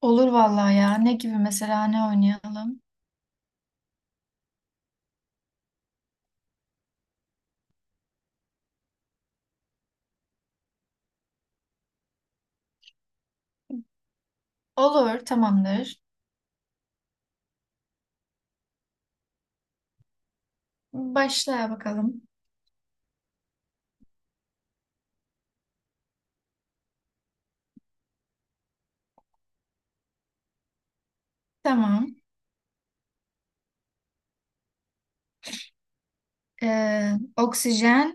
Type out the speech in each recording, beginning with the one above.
Olur vallahi ya. Ne gibi mesela ne oynayalım? Olur, tamamdır. Başla bakalım. Tamam. Oksijen,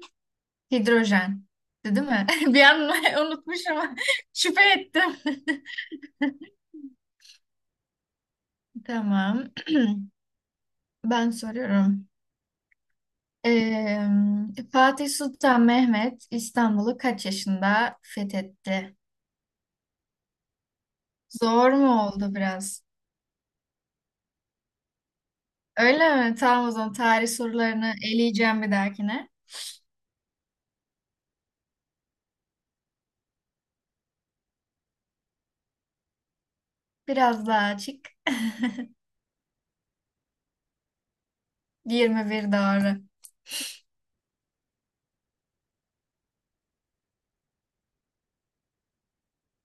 hidrojen. Değil mi? Bir an unutmuşum. Şüphe ettim. Tamam. Ben soruyorum. Ee, Fatih Sultan Mehmet İstanbul'u kaç yaşında fethetti? Zor mu oldu biraz? Öyle mi? Tamam, o zaman tarih sorularını eleyeceğim bir dahakine. Biraz daha açık. 21 doğru.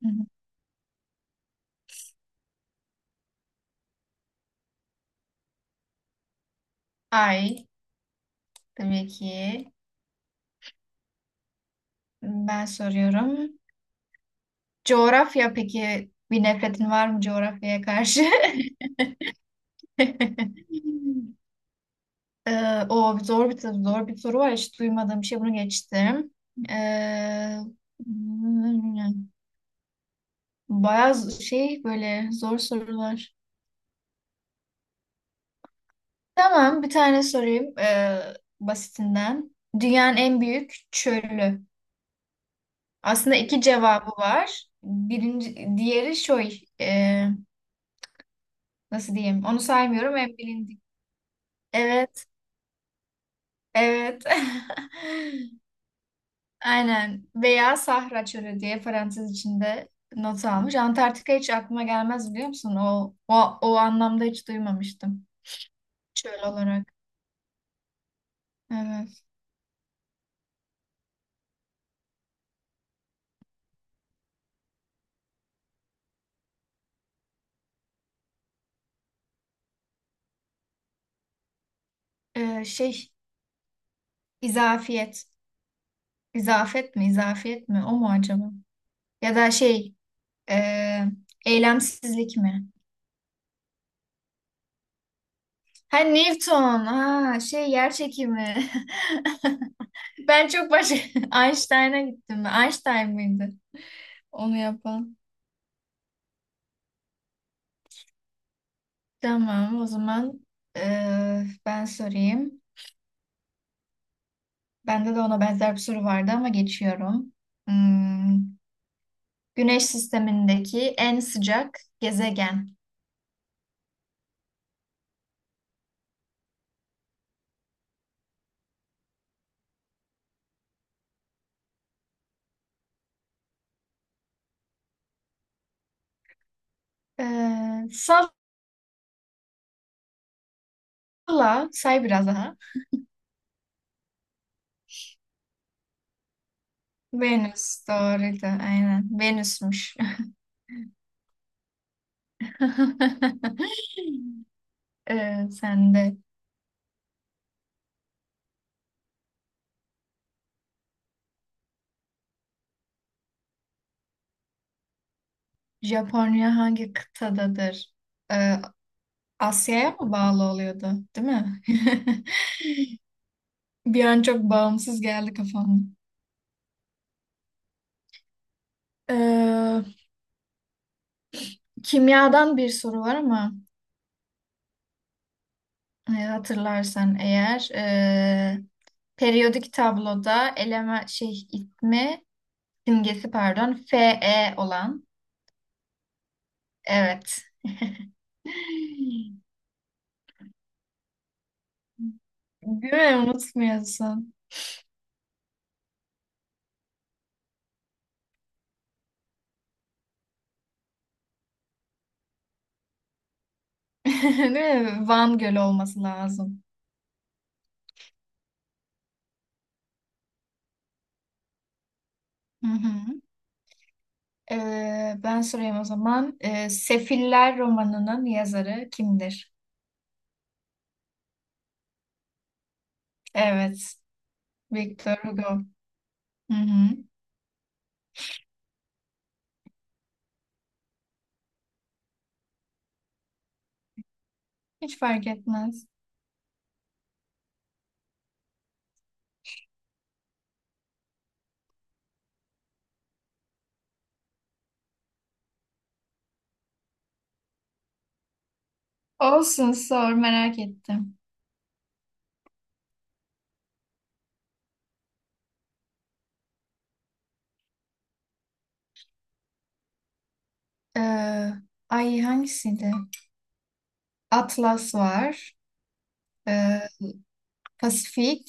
Hı hı. Ay, tabii ki. Ben soruyorum. Coğrafya, peki bir nefretin var mı coğrafyaya karşı? O zor bir zor bir soru var. Hiç duymadığım bir şey. Bunu geçtim. Ee, Bayağı şey, böyle zor sorular. Tamam, bir tane sorayım basitinden. Dünyanın en büyük çölü. Aslında iki cevabı var. Birinci, diğeri şey. Nasıl diyeyim? Onu saymıyorum, en bilindik. Evet, evet. Aynen. Veya Sahra Çölü diye parantez içinde not almış. Antarktika hiç aklıma gelmez, biliyor musun? O, o, o anlamda hiç duymamıştım. Çöl olarak. Evet. Şey, izafiyet. İzafet mi? İzafiyet mi? O mu acaba? Ya da şey, e, eylemsizlik mi? Ha, Newton. Ha şey, yer çekimi. Ben çok başka Einstein'a gittim. Einstein mıydı onu yapan? Tamam o zaman ben sorayım. Bende de ona benzer bir soru vardı ama geçiyorum. Hmm, Güneş sistemindeki en sıcak gezegen. Eee Salla say biraz daha. Venüs doğruydu aynen. Venüsmüş. Sen de Japonya hangi kıtadadır? Ee, Asya'ya mı bağlı oluyordu, değil mi? Bir an çok bağımsız geldi kafama. Ee, Kimyadan bir soru var ama hatırlarsan eğer e, periyodik tabloda eleme şey itme simgesi pardon Fe olan evet. Değil mi? Unutmuyorsun. Değil mi? Van Gölü olması lazım. Hı hı. Ben sorayım o zaman. Sefiller romanının yazarı kimdir? Evet. Victor Hugo. Hı hı. Hiç fark etmez. Olsun, sor, merak ettim. Ee, Ay, hangisiydi? Atlas var. Ee, Pasifik.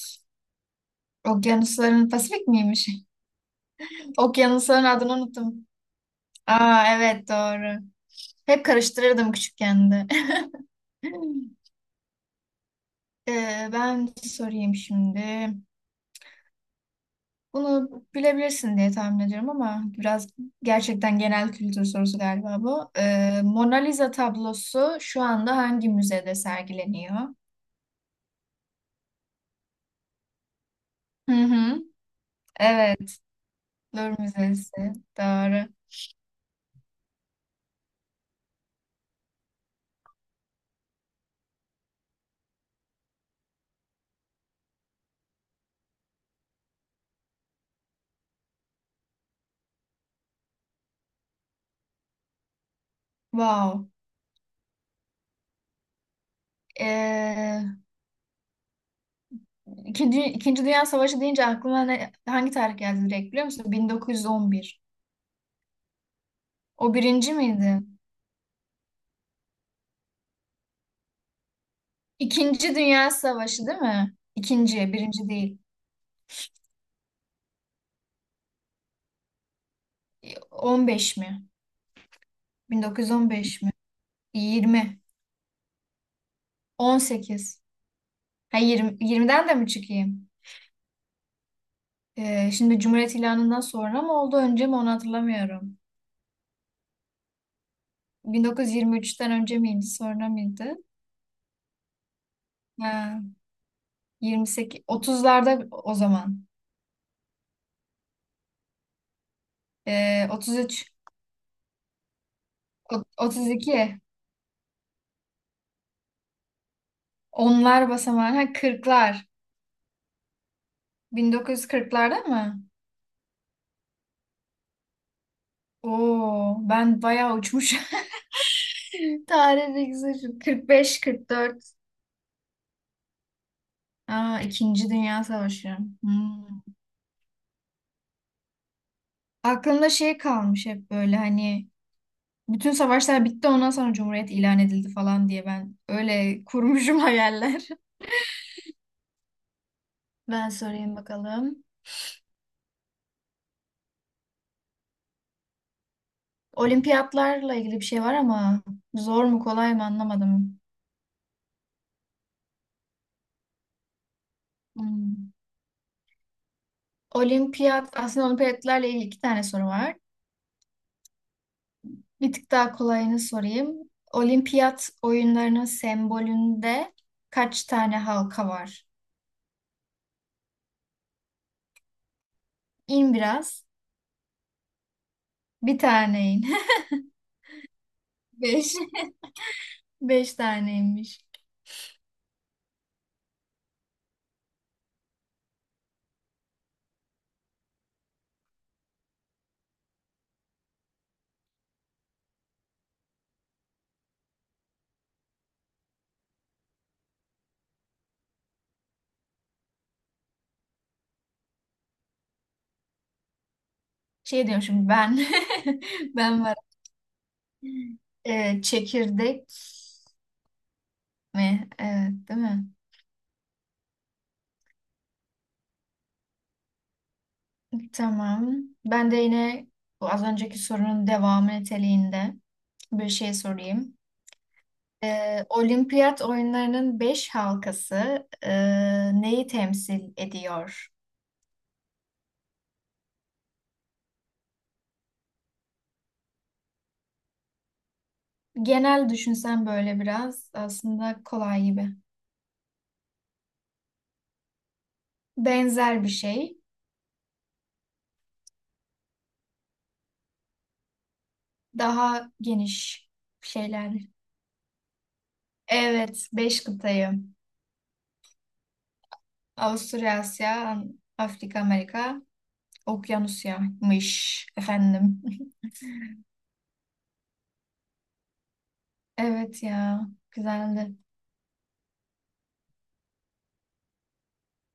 Okyanusların Pasifik miymiş? Okyanusların adını unuttum. Aa, evet, doğru. Hep karıştırırdım küçükken de. Ben sorayım şimdi. Bunu bilebilirsin diye tahmin ediyorum ama biraz gerçekten genel kültür sorusu galiba bu. Mona Lisa tablosu şu anda hangi müzede sergileniyor? Hı hı. Evet, Louvre Müzesi. Doğru. Wow. Ee, İkinci Dünya Savaşı deyince aklıma ne, hangi tarih geldi direkt biliyor musun? 1911. O birinci miydi? İkinci Dünya Savaşı değil mi? İkinci, birinci değil. 15 mi? 1915 mi? 20. 18. Ha, 20 yirmiden de mi çıkayım? Şimdi Cumhuriyet ilanından sonra mı oldu önce mi onu hatırlamıyorum. 1923'ten önce miydi sonra mıydı? Ha, 28, 30'larda o zaman. 33, 32, onlar basamağı, ha, 40'lar. 1940'larda mı? Oo, ben bayağı uçmuş. Tarih bilgisi şu. 45, 44. Aa, İkinci Dünya Savaşı. Hmm. Aklımda şey kalmış hep böyle, hani bütün savaşlar bitti ondan sonra Cumhuriyet ilan edildi falan diye ben öyle kurmuşum hayaller. Ben sorayım bakalım. Olimpiyatlarla ilgili bir şey var ama zor mu kolay mı anlamadım. Hmm. Olimpiyat, aslında olimpiyatlarla ilgili iki tane soru var. Bir tık daha kolayını sorayım. Olimpiyat oyunlarının sembolünde kaç tane halka var? İn biraz. Bir tane in. Beş. Beş taneymiş. Şey diyorum şimdi ben. Ben varım. Çekirdek mi? Evet, değil mi? Tamam. Ben de yine bu az önceki sorunun devamı niteliğinde bir şey sorayım. Olimpiyat oyunlarının beş halkası neyi temsil ediyor? Genel düşünsen böyle biraz aslında kolay gibi. Benzer bir şey. Daha geniş şeyler. Evet, beş kıtayı. Avusturya, Asya, Afrika, Amerika. Okyanusya'mış efendim. Evet ya, güzeldi.